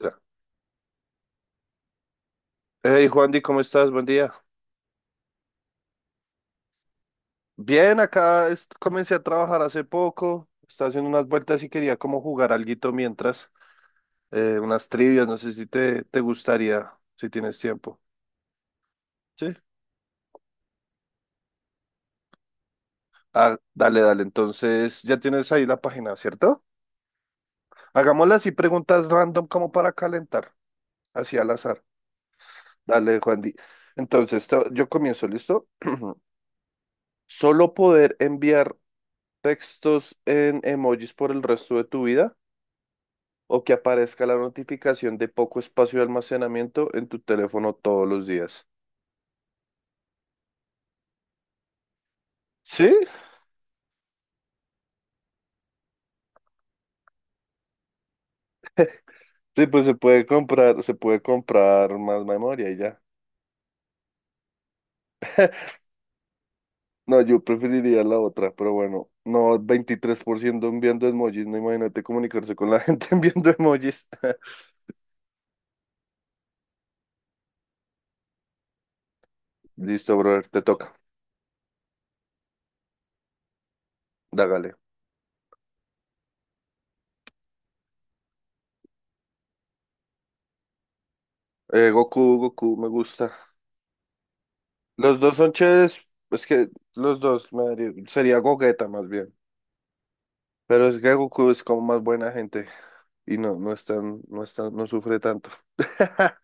Ya. Hey, Juandi, ¿cómo estás? Buen día. Bien, acá comencé a trabajar hace poco. Estaba haciendo unas vueltas y quería como jugar alguito mientras. Unas trivias, no sé si te gustaría, si tienes tiempo. Sí. Ah, dale, dale. Entonces, ya tienes ahí la página, ¿cierto? Hagámoslas así preguntas random como para calentar, así al azar. Dale, Juandi. Entonces, yo comienzo, ¿listo? Solo poder enviar textos en emojis por el resto de tu vida o que aparezca la notificación de poco espacio de almacenamiento en tu teléfono todos los días. ¿Sí? Sí, pues se puede comprar más memoria y ya. No, yo preferiría la otra, pero bueno, no, 23% enviando emojis, no, imagínate comunicarse con la gente enviando emojis. Listo, brother, te toca, dágale. Goku, Goku, me gusta. Los dos son chéveres, es que los dos me daría- sería Gogeta más bien, pero es que Goku es como más buena gente. Y no, no sufre tanto.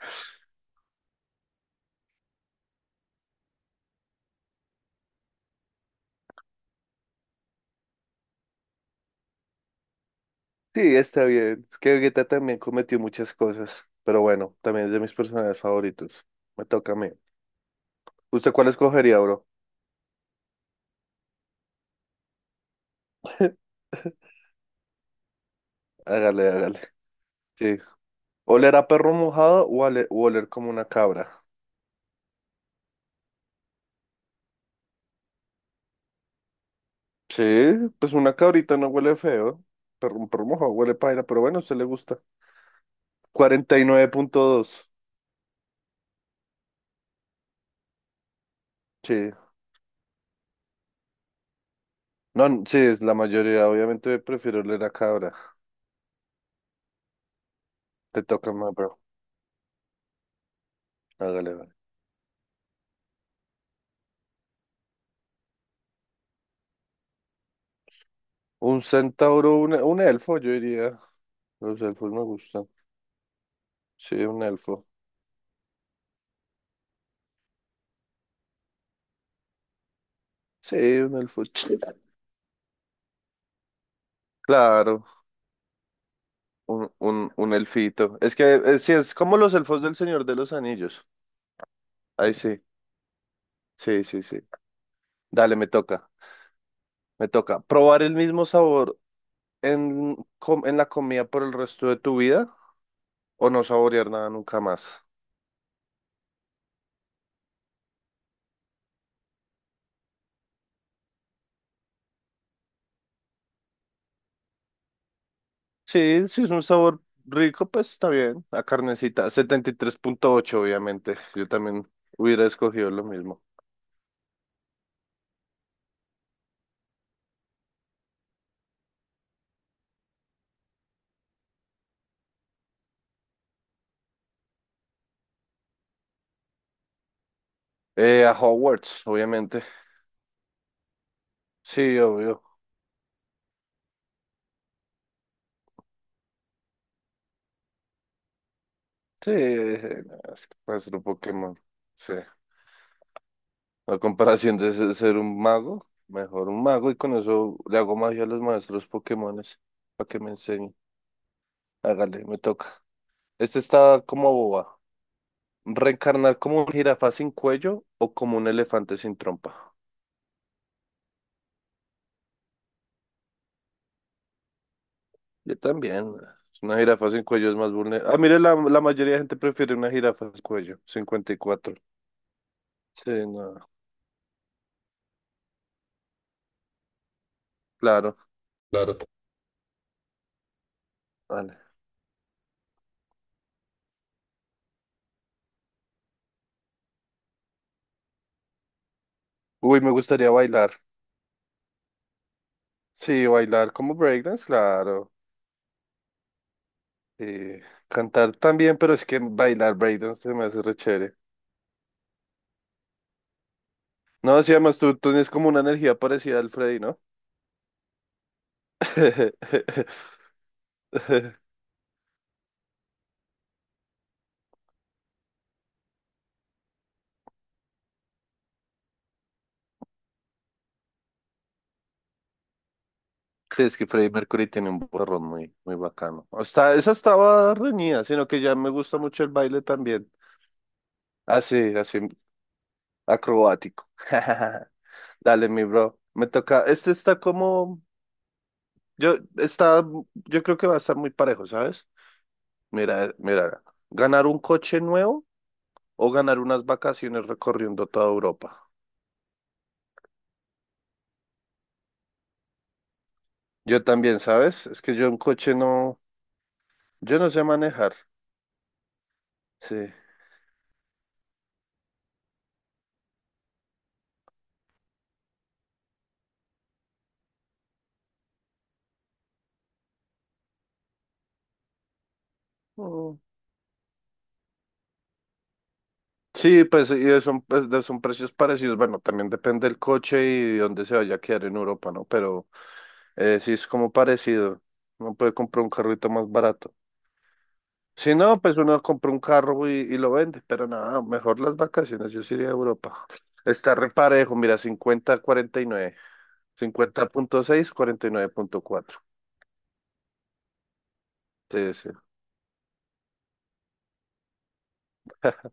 Sí, está bien. Es que Vegeta también cometió muchas cosas, pero bueno, también es de mis personajes favoritos. Me toca a mí. ¿Usted cuál escogería, bro? Hágale, hágale. Sí. ¿Oler a perro mojado o o oler como una cabra? Sí, pues una cabrita no huele feo. Perro, un perro mojado huele paila, pero bueno, a usted le gusta. Cuarenta y nueve punto dos. Sí. No, sí, es la mayoría. Obviamente prefiero oler a cabra. Te toca más, bro. Hágale, bro. Un centauro, un elfo, yo diría. Los elfos me gustan. Sí, un elfo. Sí, un elfo. Claro, un elfito. Es que sí, es como los elfos del Señor de los Anillos. Ahí sí, sí, sí, sí. Dale, me toca. ¿Probar el mismo sabor en, en la comida por el resto de tu vida o no saborear nada nunca más? Sí, si es un sabor rico, pues está bien. La carnecita, setenta y tres punto ocho, obviamente. Yo también hubiera escogido lo mismo. A Hogwarts, obviamente. Sí, obvio. Sí, no, es que para ser un Pokémon. Sí. A comparación de ser un mago, mejor un mago y con eso le hago magia a los maestros Pokémones para que me enseñen. Hágale, me toca. Este está como boba. ¿Reencarnar como un jirafa sin cuello o como un elefante sin trompa? Yo también. Una jirafa sin cuello es más vulnerable. Ah, mire, la mayoría de gente prefiere una jirafa sin cuello. 54. Sí, no, claro. Claro. Uy, me gustaría bailar. Sí, bailar como breakdance, claro. Eh, cantar también, pero es que bailar breakdance se me hace re chévere. No, sí, además tú tienes como una energía parecida al Freddy, ¿no? Sí, es que Freddie Mercury tiene un borrón muy, muy bacano. O está, esa estaba reñida, sino que ya me gusta mucho el baile también. Así, así, acrobático. Dale, mi bro. Me toca. Este está como. Yo, está, yo creo que va a estar muy parejo, ¿sabes? Mira, mira, ganar un coche nuevo o ganar unas vacaciones recorriendo toda Europa. Yo también, ¿sabes? Es que yo un coche no, yo no sé manejar. Sí. Mm. Sí, pues y son, pues, son precios parecidos. Bueno, también depende del coche y dónde se vaya a quedar en Europa, ¿no? Pero sí es como parecido. Uno puede comprar un carrito más barato. Si no, pues uno compra un carro y lo vende. Pero nada, mejor las vacaciones. Yo sí iría a Europa. Está reparejo, mira, cincuenta a cuarenta y nueve. Cincuenta punto seis, cuarenta y nueve punto cuatro. Sí, sí.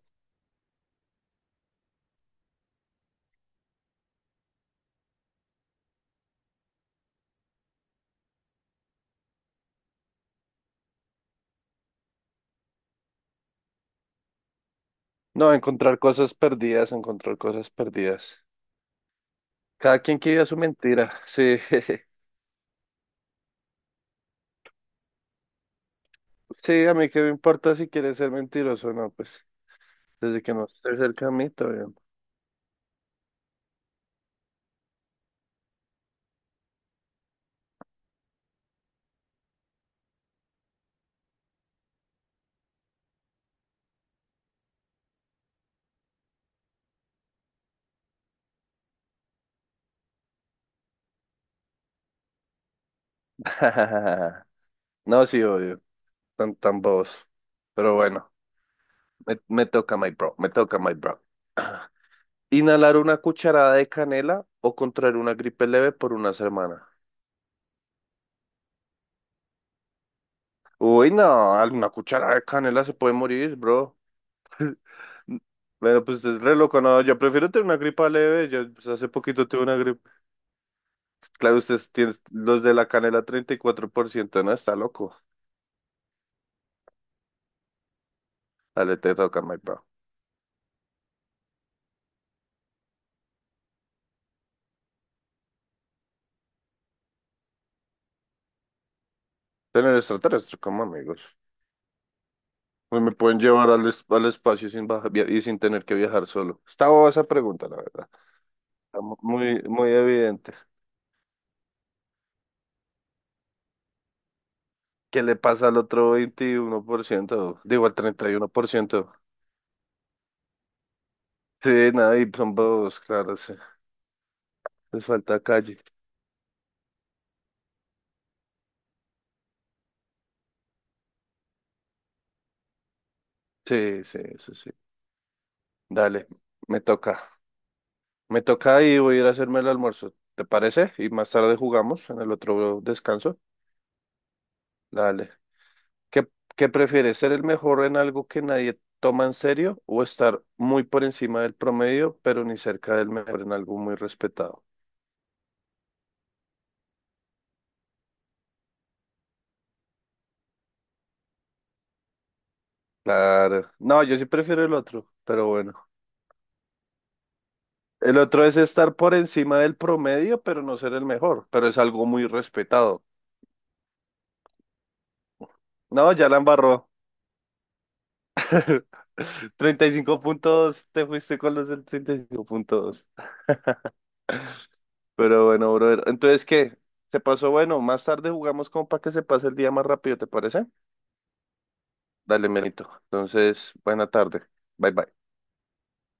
No, encontrar cosas perdidas, encontrar cosas perdidas. Cada quien que viva su mentira. Sí, sí, a mí qué me importa si quiere ser mentiroso o no, pues desde que no esté cerca a mí, todo bien. No, sí, obvio, tan, tan bobos. Pero bueno, me toca, my bro. Inhalar una cucharada de canela o contraer una gripe leve por una semana. Uy, no, una cucharada de canela se puede morir, bro. Bueno, pues es re loco, no, yo prefiero tener una gripa leve, yo pues, hace poquito tuve una gripa. Claro, ustedes tienen los de la canela treinta y cuatro por ciento, ¿no? Está loco. Dale, te toca, my bro. Tener extraterrestres como amigos. Pues me pueden llevar al, es- al espacio sin baja- via- y sin tener que viajar solo. Está boba esa pregunta, la verdad. Está muy, muy evidente. ¿Qué le pasa al otro 21%? Digo, al treinta y uno por ciento. Sí, nada, y son bobos, claro, sí. Les falta calle. Sí, sí, eso sí. Dale, me toca. Me toca y voy a ir a hacerme el almuerzo. ¿Te parece? Y más tarde jugamos en el otro descanso. Dale. ¿Qué, qué prefieres? ¿Ser el mejor en algo que nadie toma en serio o estar muy por encima del promedio, pero ni cerca del mejor en algo muy respetado? Claro. No, yo sí prefiero el otro, pero bueno. El otro es estar por encima del promedio, pero no ser el mejor, pero es algo muy respetado. No, ya la embarró. Treinta y cinco puntos. Te fuiste con los del treinta y cinco puntos. Pero bueno, brother. Entonces, ¿qué? ¿Se pasó? Bueno, más tarde jugamos como para que se pase el día más rápido, ¿te parece? Dale, Melito. Entonces, buena tarde. Bye, bye.